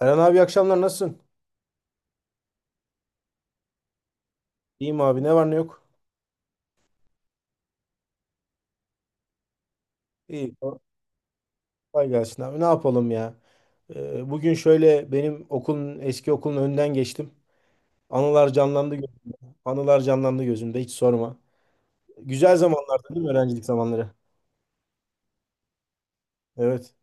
Eren abi, iyi akşamlar, nasılsın? İyiyim abi, ne var ne yok? İyi. Kolay gelsin abi. Ne yapalım ya? Bugün şöyle benim okulun eski okulun önünden geçtim. Anılar canlandı gö- anılar canlandı gözümde, hiç sorma. Güzel zamanlardı değil mi, öğrencilik zamanları? Evet.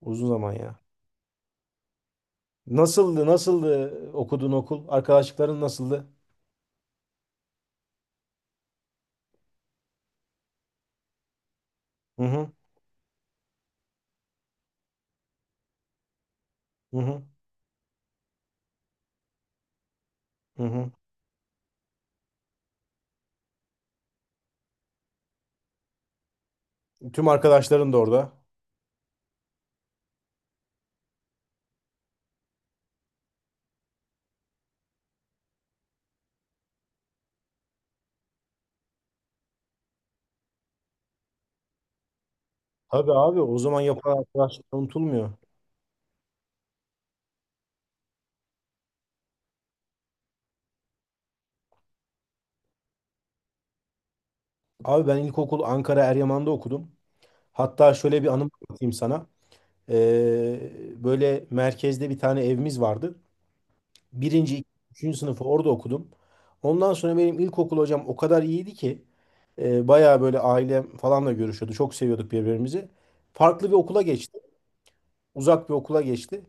Uzun zaman ya. Nasıldı? Nasıldı okuduğun okul? Arkadaşlıkların nasıldı? Hı hı. Hı hı. Hı hı. Tüm arkadaşların da orada. Tabii abi, o zaman yapılan arkadaşlıklar unutulmuyor. Abi ben ilkokul Ankara Eryaman'da okudum. Hatta şöyle bir anım anlatayım sana. Böyle merkezde bir tane evimiz vardı. Birinci, ikinci, üçüncü sınıfı orada okudum. Ondan sonra benim ilkokul hocam o kadar iyiydi ki bayağı böyle ailem falanla görüşüyordu. Çok seviyorduk birbirimizi. Farklı bir okula geçti. Uzak bir okula geçti.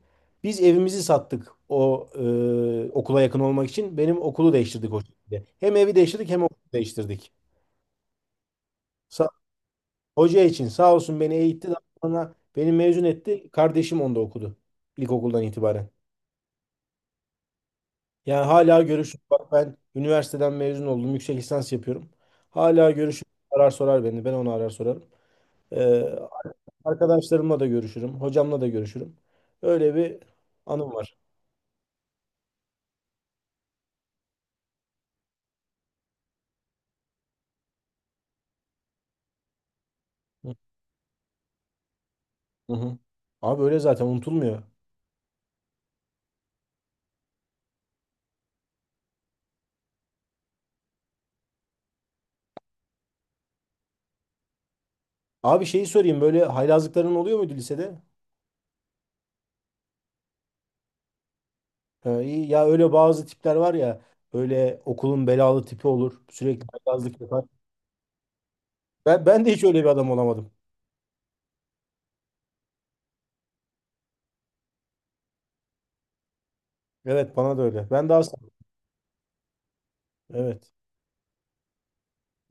Biz evimizi sattık, o okula yakın olmak için. Benim okulu değiştirdik o şekilde. Hem evi değiştirdik hem okulu değiştirdik. Hoca için sağ olsun beni eğitti. Daha sonra beni mezun etti. Kardeşim onda okudu. İlkokuldan itibaren. Yani hala görüşürüz. Bak, ben üniversiteden mezun oldum. Yüksek lisans yapıyorum. Hala görüşürüz. Arar sorar beni. Ben onu arar sorarım. Ee, Arkadaşlarımla da görüşürüm. Hocamla da görüşürüm. Öyle bir anım var. Hı hı. Hı. Abi öyle zaten unutulmuyor. Abi şeyi sorayım. Böyle haylazlıkların oluyor muydu lisede? İyi. Ya öyle bazı tipler var ya. Böyle okulun belalı tipi olur. Sürekli haylazlık yapar. Ben de hiç öyle bir adam olamadım. Evet, bana da öyle. Ben daha. Evet.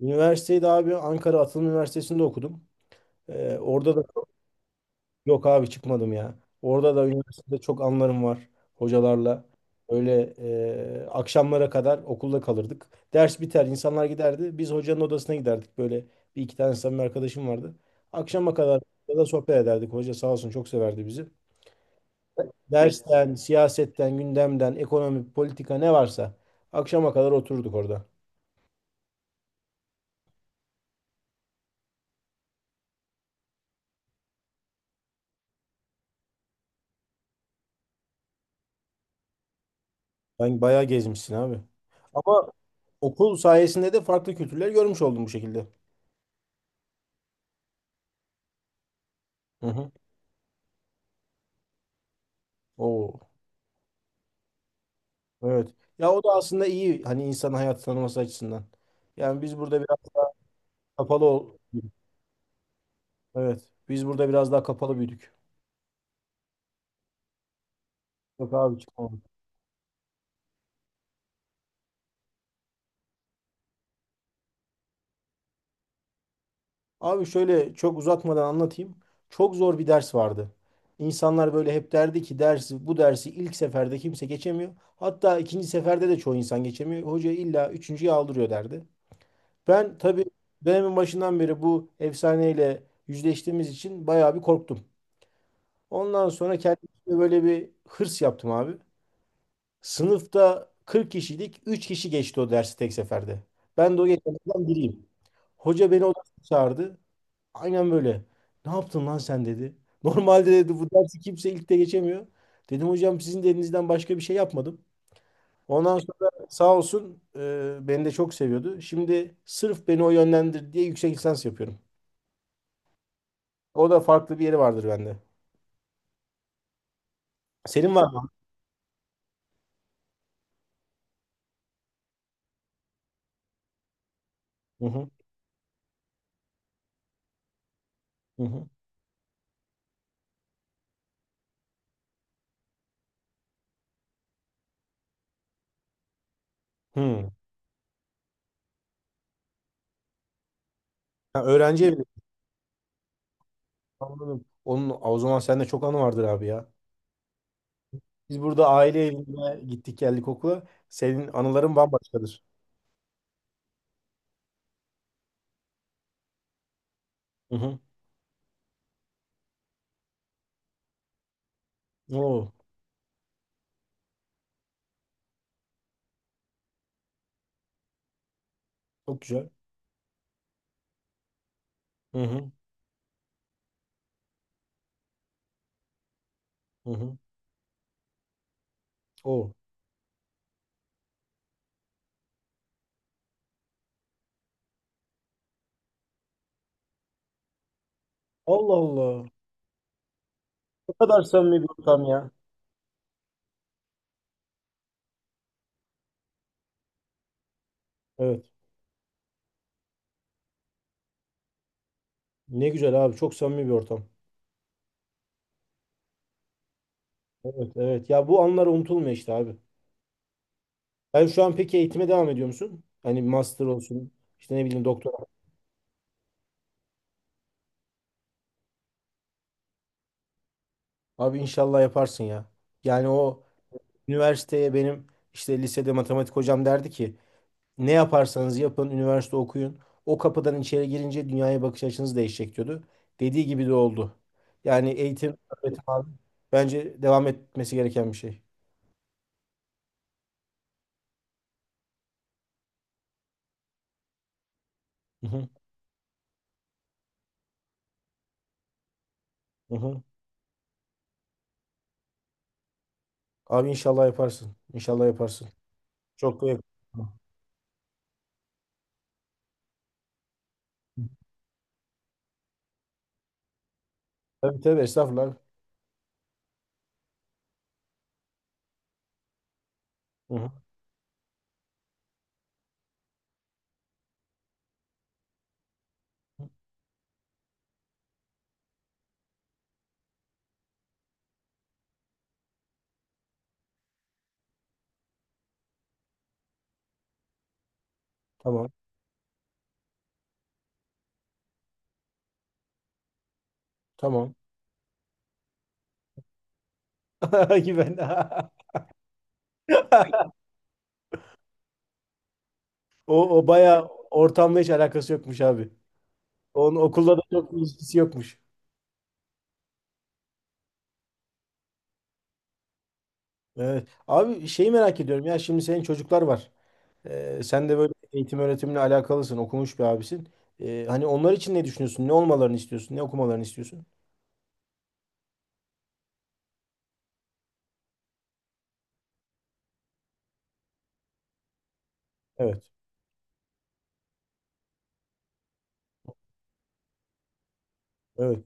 Üniversiteyi de abi Ankara Atılım Üniversitesi'nde okudum. Orada da yok abi, çıkmadım ya. Orada da üniversitede çok anlarım var hocalarla. Öyle akşamlara kadar okulda kalırdık. Ders biter, insanlar giderdi. Biz hocanın odasına giderdik. Böyle bir iki tane samimi arkadaşım vardı. Akşama kadar da sohbet ederdik. Hoca sağ olsun çok severdi bizi. Dersten, siyasetten, gündemden, ekonomi, politika, ne varsa akşama kadar otururduk orada. Ben bayağı gezmişsin abi. Ama okul sayesinde de farklı kültürler görmüş oldum bu şekilde. Hı hı. Oo, evet. Ya o da aslında iyi, hani insan hayatı tanıması açısından. Yani biz burada biraz daha kapalı ol. Evet. Biz burada biraz daha kapalı büyüdük. Yok abi, çıkmadım. Abi şöyle çok uzatmadan anlatayım. Çok zor bir ders vardı. İnsanlar böyle hep derdi ki bu dersi ilk seferde kimse geçemiyor. Hatta ikinci seferde de çoğu insan geçemiyor. Hoca illa üçüncüye aldırıyor derdi. Ben tabii dönemin başından beri bu efsaneyle yüzleştiğimiz için bayağı bir korktum. Ondan sonra kendime böyle bir hırs yaptım abi. Sınıfta 40 kişiydik. Üç kişi geçti o dersi tek seferde. Ben de o geçenlerden biriyim. Hoca beni odasına çağırdı. Aynen böyle. Ne yaptın lan sen dedi. Normalde dedi bu dersi kimse ilk de geçemiyor. Dedim hocam, sizin de elinizden başka bir şey yapmadım. Ondan sonra sağ olsun beni de çok seviyordu. Şimdi sırf beni o yönlendir diye yüksek lisans yapıyorum. O da farklı bir yeri vardır bende. Senin var mı? Hı hı. Hı hı. Hı. Ha, öğrenci evi. Anladım. O zaman sende çok anı vardır abi ya. Biz burada aile evine gittik geldik okula. Senin anıların bambaşkadır. Hı hı. Oo, çok güzel. Hı hı. Hı hı. Oo. Allah Allah. Ne kadar samimi bir ortam ya. Evet. Ne güzel abi. Çok samimi bir ortam. Evet, evet. Ya bu anlar unutulmuyor işte abi. Ben şu an peki eğitime devam ediyor musun? Hani master olsun, işte ne bileyim, doktor. Abi inşallah yaparsın ya. Yani o üniversiteye, benim işte lisede matematik hocam derdi ki ne yaparsanız yapın üniversite okuyun. O kapıdan içeri girince dünyaya bakış açınız değişecek diyordu. Dediği gibi de oldu. Yani eğitim, öğretim abi bence devam etmesi gereken bir şey. Hı hı, hı hı. Abi inşallah yaparsın. İnşallah yaparsın. Çok da yakın. Tabii tabii, estağfurullah abi. Hı hı. Tamam. Tamam. Güven. O bayağı ortamla hiç alakası yokmuş abi. Onun okulla da çok bir ilişkisi yokmuş. Evet. Abi şeyi merak ediyorum, ya şimdi senin çocuklar var. Sen de böyle eğitim öğretimle alakalısın, okumuş bir abisin. Hani onlar için ne düşünüyorsun? Ne olmalarını istiyorsun? Ne okumalarını istiyorsun? Evet. Evet.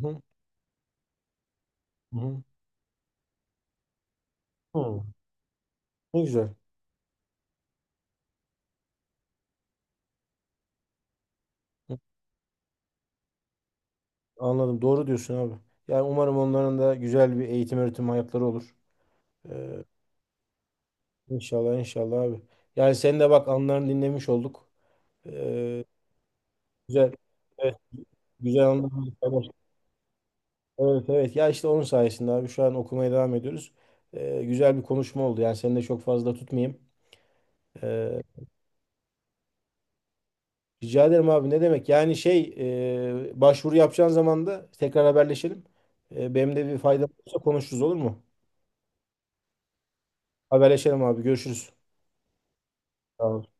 Hı hı. Hı hı. Ne güzel. Hı. Anladım. Doğru diyorsun abi. Yani umarım onların da güzel bir eğitim öğretim hayatları olur. Ee, inşallah inşallah abi. Yani sen de bak, anılarını dinlemiş olduk. Ee, Güzel. Evet. Güzel anılar. Evet evet ya, işte onun sayesinde abi şu an okumaya devam ediyoruz. Güzel bir konuşma oldu, yani seni de çok fazla tutmayayım. Ee, Rica ederim abi, ne demek yani başvuru yapacağın zaman da tekrar haberleşelim. Benim de bir faydam olursa konuşuruz olur mu? Haberleşelim abi, görüşürüz. Tamam.